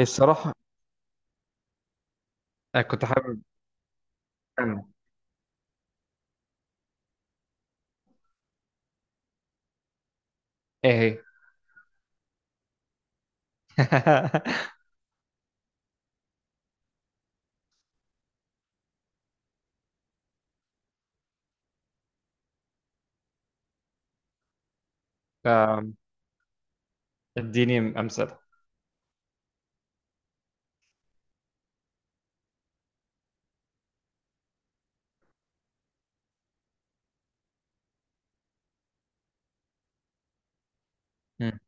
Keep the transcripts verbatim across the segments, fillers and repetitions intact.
الصراحة أنا كنت حابب. أنا إيه هي؟ آم، اديني أمثلة. مم،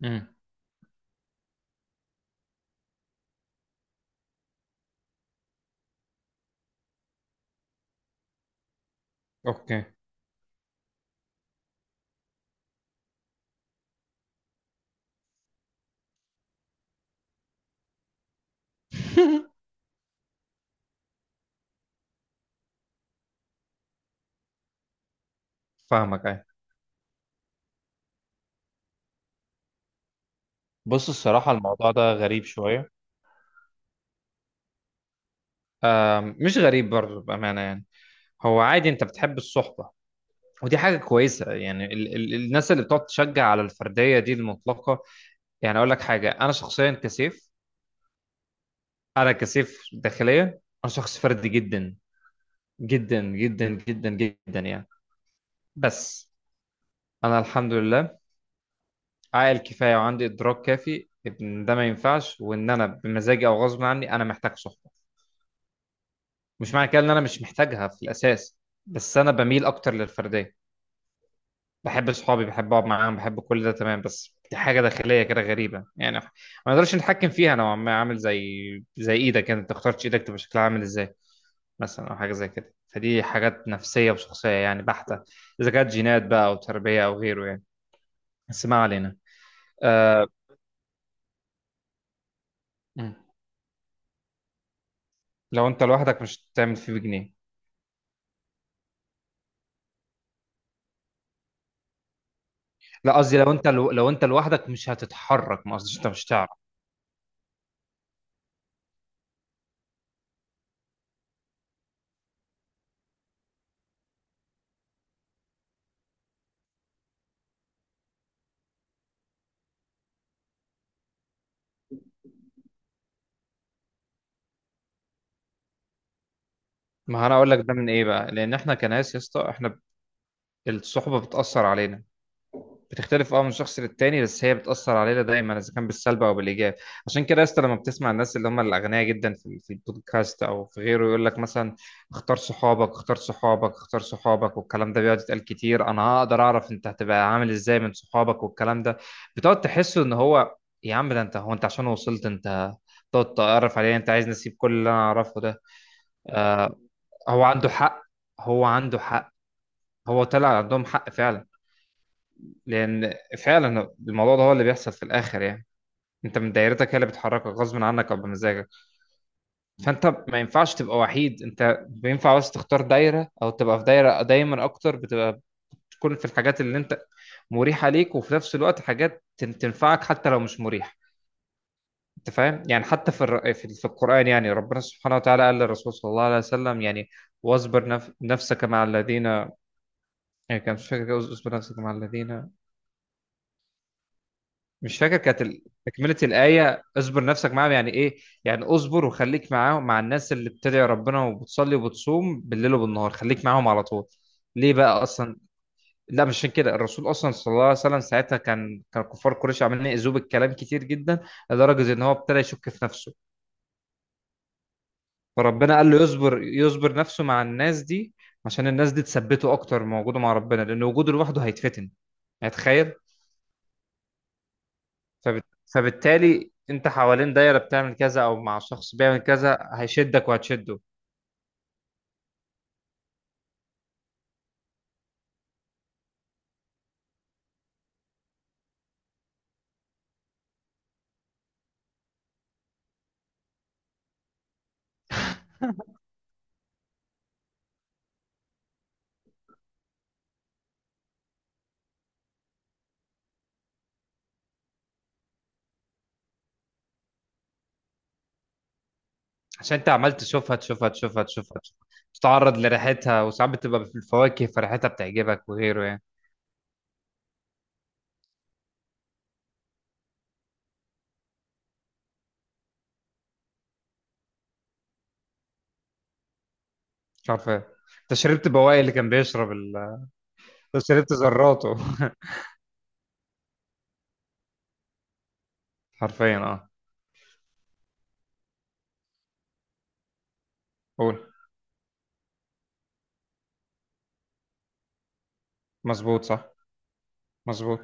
مم، أوكي. فاهمك، أيوة. بص، الصراحة الموضوع ده غريب شوية. آم، مش غريب برضه بأمانة يعني. هو عادي، أنت بتحب الصحبة، ودي حاجة كويسة يعني. ال ال الناس اللي بتقعد تشجع على الفردية دي المطلقة، يعني أقول لك حاجة، أنا شخصيا كسيف. أنا كسيف داخليا. أنا شخص فردي جدا، جدا جدا جدا جدا يعني. بس أنا الحمد لله عاقل كفايه وعندي ادراك كافي ان ده ما ينفعش، وان انا بمزاجي او غصب عني انا محتاج صحبه. مش معنى كده ان انا مش محتاجها في الاساس، بس انا بميل اكتر للفرديه. بحب صحابي، بحب اقعد معاهم، بحب كل ده تمام، بس دي حاجه داخليه كده غريبه يعني ما نقدرش نتحكم فيها نوعا ما. عامل زي زي ايدك، انت اخترتش ايدك تبقى شكلها عامل ازاي مثلا، او حاجه زي كده. فدي حاجات نفسيه وشخصيه يعني بحته، اذا كانت جينات بقى او تربيه او غيره يعني. بس ما علينا. أه... لو انت لوحدك مش هتعمل فيه بجنيه. لا قصدي لو انت لو, لو انت لوحدك مش هتتحرك، ما قصديش انت مش هتعرف. ما انا اقول لك ده من ايه بقى؟ لان احنا كناس يا اسطى، احنا الصحبه بتاثر علينا. بتختلف اه من شخص للتاني، بس هي بتأثر علينا دايما، اذا كان بالسلب او بالايجاب. عشان كده يا اسطى، لما بتسمع الناس اللي هم الاغنياء جدا في في البودكاست او في غيره يقول لك مثلا اختار صحابك اختار صحابك اختار صحابك، والكلام ده بيقعد يتقال كتير، انا هقدر اعرف انت هتبقى عامل ازاي من صحابك والكلام ده، بتقعد تحس ان هو يا عم ده انت، هو انت عشان وصلت انت تقعد تعرف عليه، انت عايز نسيب كل اللي انا اعرفه ده؟ آه، هو عنده حق، هو عنده حق. هو طلع عندهم حق فعلا، لان فعلا الموضوع ده هو اللي بيحصل في الاخر يعني. انت من دايرتك هي اللي بتحركك غصب عنك او بمزاجك، فانت ما ينفعش تبقى وحيد. انت بينفع بس تختار دايره او تبقى في دايره دايما اكتر، بتبقى بتكون في الحاجات اللي انت مريحه ليك، وفي نفس الوقت حاجات تن- تنفعك حتى لو مش مريحه. انت فاهم يعني؟ حتى في الر- في في القران يعني، ربنا سبحانه وتعالى قال للرسول صلى الله عليه وسلم يعني واصبر نف- نفسك مع الذين، يعني كان مش فاكر، اصبر نفسك مع الذين، مش فاكر كانت ال- تكملة الآية. اصبر نفسك معاهم يعني إيه؟ يعني اصبر وخليك معاهم، مع الناس اللي بتدعي ربنا وبتصلي وبتصوم بالليل وبالنهار، خليك معاهم على طول. ليه بقى أصلا؟ لا مش عشان كده. الرسول أصلا صلى الله عليه وسلم ساعتها كان كان كفار قريش عمالين يأذوه بالكلام كتير جدا، لدرجة إن هو ابتدى يشك في نفسه. فربنا قال له يصبر، يصبر نفسه مع الناس دي، عشان الناس دي تثبته أكتر، من وجوده مع ربنا لأن وجوده لوحده هيتفتن. يعني تخيل. فبت... فبالتالي انت حوالين دايره بتعمل كذا او مع شخص بيعمل كذا، هيشدك وهتشده. عشان انت عمال تشوفها تشوفها تشوفها تشوفها تشوفها، تتعرض لريحتها، وساعات بتبقى في الفواكه فريحتها بتعجبك وغيره يعني. مش عارف ايه. انت شربت بواقي اللي كان بيشرب ال... انت شربت ذراته. حرفيا اه. قول. مظبوط، صح. مظبوط.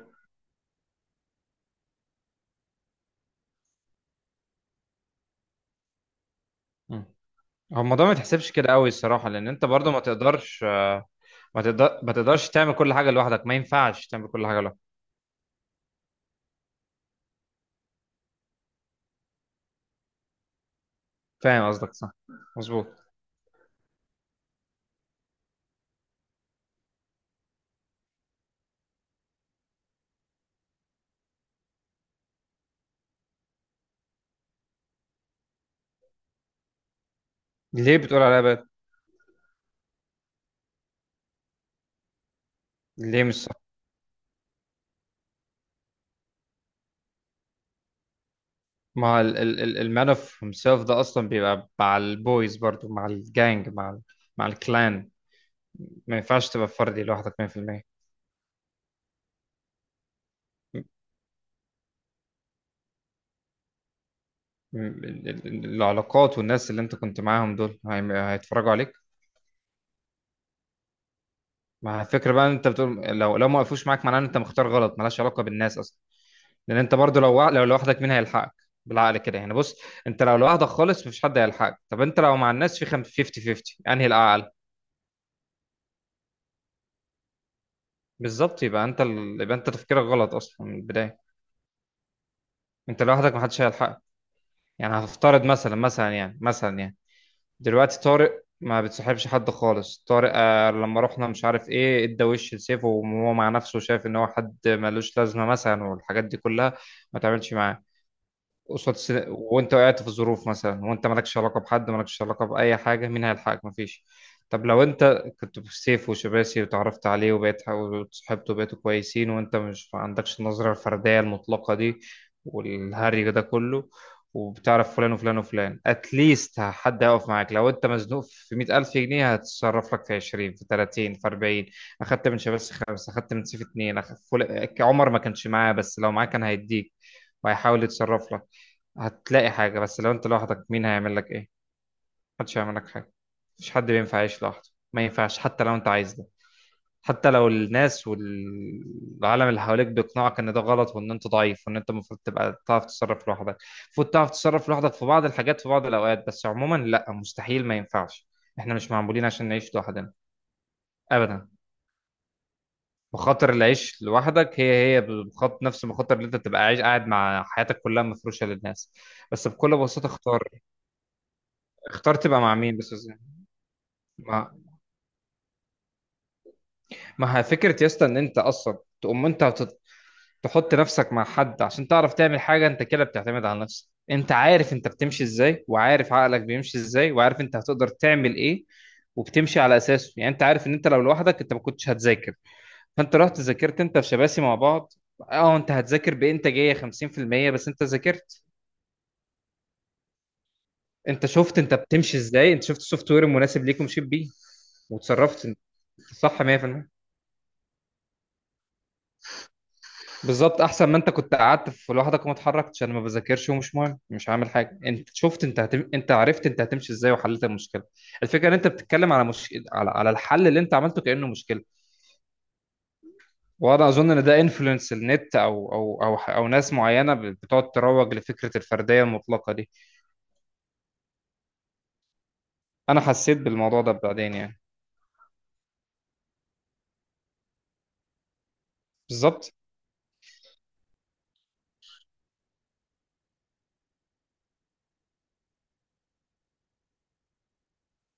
مم. هو الموضوع ما يتحسبش كده قوي الصراحه، لان انت برضو ما تقدرش. ما تقدر ما تقدرش تعمل كل حاجه لوحدك، ما ينفعش تعمل كل حاجه لوحدك. فاهم قصدك، صح. مظبوط. ليه بتقول عليها بقى؟ ليه مش صح؟ ما ال- ال- ال- المان اوف هيمسيلف ده اصلا بيبقى مع البويز برضو، مع الجانج، مع ال- مع الكلان. ما ينفعش تبقى فردي لوحدك مية بالمية. م- ال- ال- العلاقات والناس اللي انت كنت معاهم دول هيم- هيتفرجوا عليك. ما الفكره بقى ان انت بتقول لو لو ما وقفوش معاك، معناه ان انت مختار غلط. ملهاش علاقه بالناس اصلا، لان انت برضو لو وا- لو لوحدك مين هيلحقك؟ بالعقل كده يعني. بص، انت لو لوحدك خالص مفيش حد هيلحقك. طب انت لو مع الناس في خم- خمسين خمسين، انهي الاعلى؟ بالظبط. يبقى انت ال... يبقى انت تفكيرك غلط اصلا من البدايه. انت لوحدك محدش هيلحقك. يعني هفترض مثلا، مثلا يعني مثلا يعني دلوقتي طارق ما بتصاحبش حد خالص، طارق آه لما رحنا مش عارف ايه ادى وش لسيف، وهو مع نفسه شايف ان هو حد ملوش لازمه مثلا، والحاجات دي كلها، ما تعملش معاه قصاد السل... وانت وقعت في ظروف مثلا، وانت مالكش علاقه بحد، مالكش علاقه باي حاجه، مين هيلحقك؟ مفيش. طب لو انت كنت بسيف وشباسي وتعرفت عليه وبقيت ح- وصحبته وبقيتوا كويسين، وانت مش ما عندكش النظره الفرديه المطلقه دي والهري ده كله، وبتعرف فلان وفلان وفلان، اتليست حد هيقف معاك. لو انت مزنوق في مئة ألف جنيه، هتتصرف لك في عشرين، في تلاتين، في أربعين. اخدت من شباسي خمسة، اخدت من سيف اتنين، أخ... فل... عمر ما كانش معاه، بس لو معاه كان هيديك وهيحاول يتصرف لك. هتلاقي حاجة. بس لو انت لوحدك مين هيعمل لك ايه؟ محدش هيعمل لك حاجة. مفيش حد بينفع يعيش لوحده، ما ينفعش حتى لو انت عايز ده، حتى لو الناس والعالم اللي حواليك بيقنعك ان ده غلط، وان انت ضعيف، وان انت المفروض تبقى تعرف تتصرف لوحدك. المفروض تعرف تتصرف لوحدك في بعض الحاجات في بعض الاوقات، بس عموما لا، مستحيل، ما ينفعش. احنا مش معمولين عشان نعيش لوحدنا، ابدا. مخاطر العيش لوحدك هي هي بخط نفس المخاطر اللي انت تبقى عايش قاعد مع حياتك كلها مفروشه للناس. بس بكل بساطه اختار. اختار تبقى مع مين بس. ما ما هي فكرة يا اسطى ان انت اصلا تقوم انت تت- تحط نفسك مع حد عشان تعرف تعمل حاجة، انت كده بتعتمد على نفسك. انت عارف انت بتمشي ازاي، وعارف عقلك بيمشي ازاي، وعارف انت هتقدر تعمل ايه، وبتمشي على اساسه. يعني انت عارف ان انت لو لوحدك انت ما كنتش هتذاكر، فانت رحت ذاكرت انت وشباسي مع بعض. اه انت هتذاكر بانتاجية خمسين في المية بس انت ذاكرت. انت شفت انت بتمشي ازاي، انت شفت السوفت وير المناسب ليك ومشيت بيه، وتصرفت انت، صح مية بالمية. بالظبط، احسن ما انت كنت قعدت في لوحدك وما اتحركتش. انا ما بذاكرش ومش مهم مش عامل حاجه. انت شفت، انت هتم... انت عرفت انت هتمشي ازاي، وحليت المشكله. الفكره ان انت بتتكلم على مش... على على الحل اللي انت عملته كانه مشكله. وانا اظن ان ده انفلونس النت او او او او ناس معينه ب- بتقعد تروج لفكره الفرديه المطلقه دي. انا حسيت بالموضوع ده بعدين يعني. بالظبط.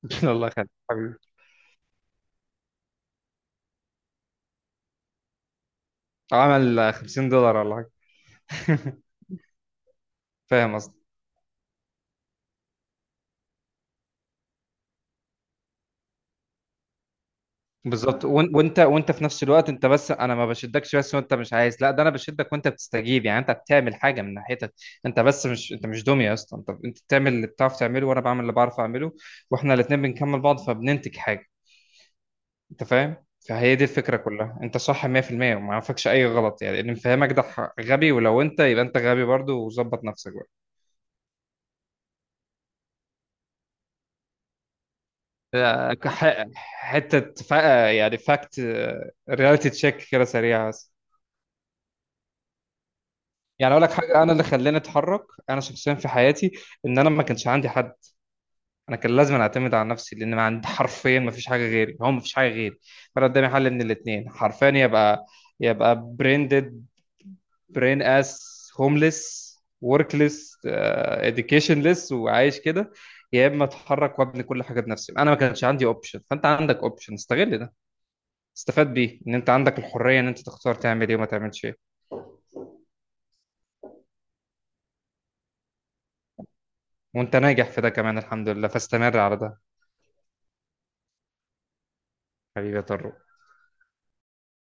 الله يخليك حبيبي. عمل خمسين دولار ولا حاجه. فاهم قصدي. بالظبط. وان- وانت وانت في نفس الوقت، انت بس، انا ما بشدكش بس وانت مش عايز، لا ده انا بشدك وانت بتستجيب، يعني انت بتعمل حاجه من ناحيتك. انت بس مش انت مش دميه يا اسطى، انت انت بتعمل اللي بتعرف تعمله، وانا بعمل اللي بعرف اعمله، واحنا الاثنين بنكمل بعض، فبننتج حاجه. انت فاهم؟ فهي دي الفكره كلها. انت صح مية بالمية، وما عرفكش اي غلط يعني. اللي مفهمك ده ح- غبي، ولو انت، يبقى انت غبي برضه وظبط نفسك بقى. آه، كح- حته فا- يعني فاكت، رياليتي تشيك كده سريعه. يعني اقول لك حاجه، انا اللي خلاني اتحرك انا شخصيا في حياتي ان انا ما كانش عندي حد. انا كان لازم اعتمد على نفسي، لان ما عندي حرفيا ما فيش حاجه غيري، هو ما فيش حاجه غيري. فانا قدامي حل من الاثنين حرفيا، يبقى يبقى بريندد، برين اس، هومليس، وركليس، اديوكيشنليس، وعايش كده، يا اما اتحرك وابني كل حاجه بنفسي. انا ما كانش عندي اوبشن، فانت عندك اوبشن، استغل ده، استفاد بيه ان انت عندك الحريه ان انت تختار تعمل ايه وما تعملش ايه. وانت ناجح في ده كمان الحمد لله، فاستمر على ده. حبيبي يا طارق.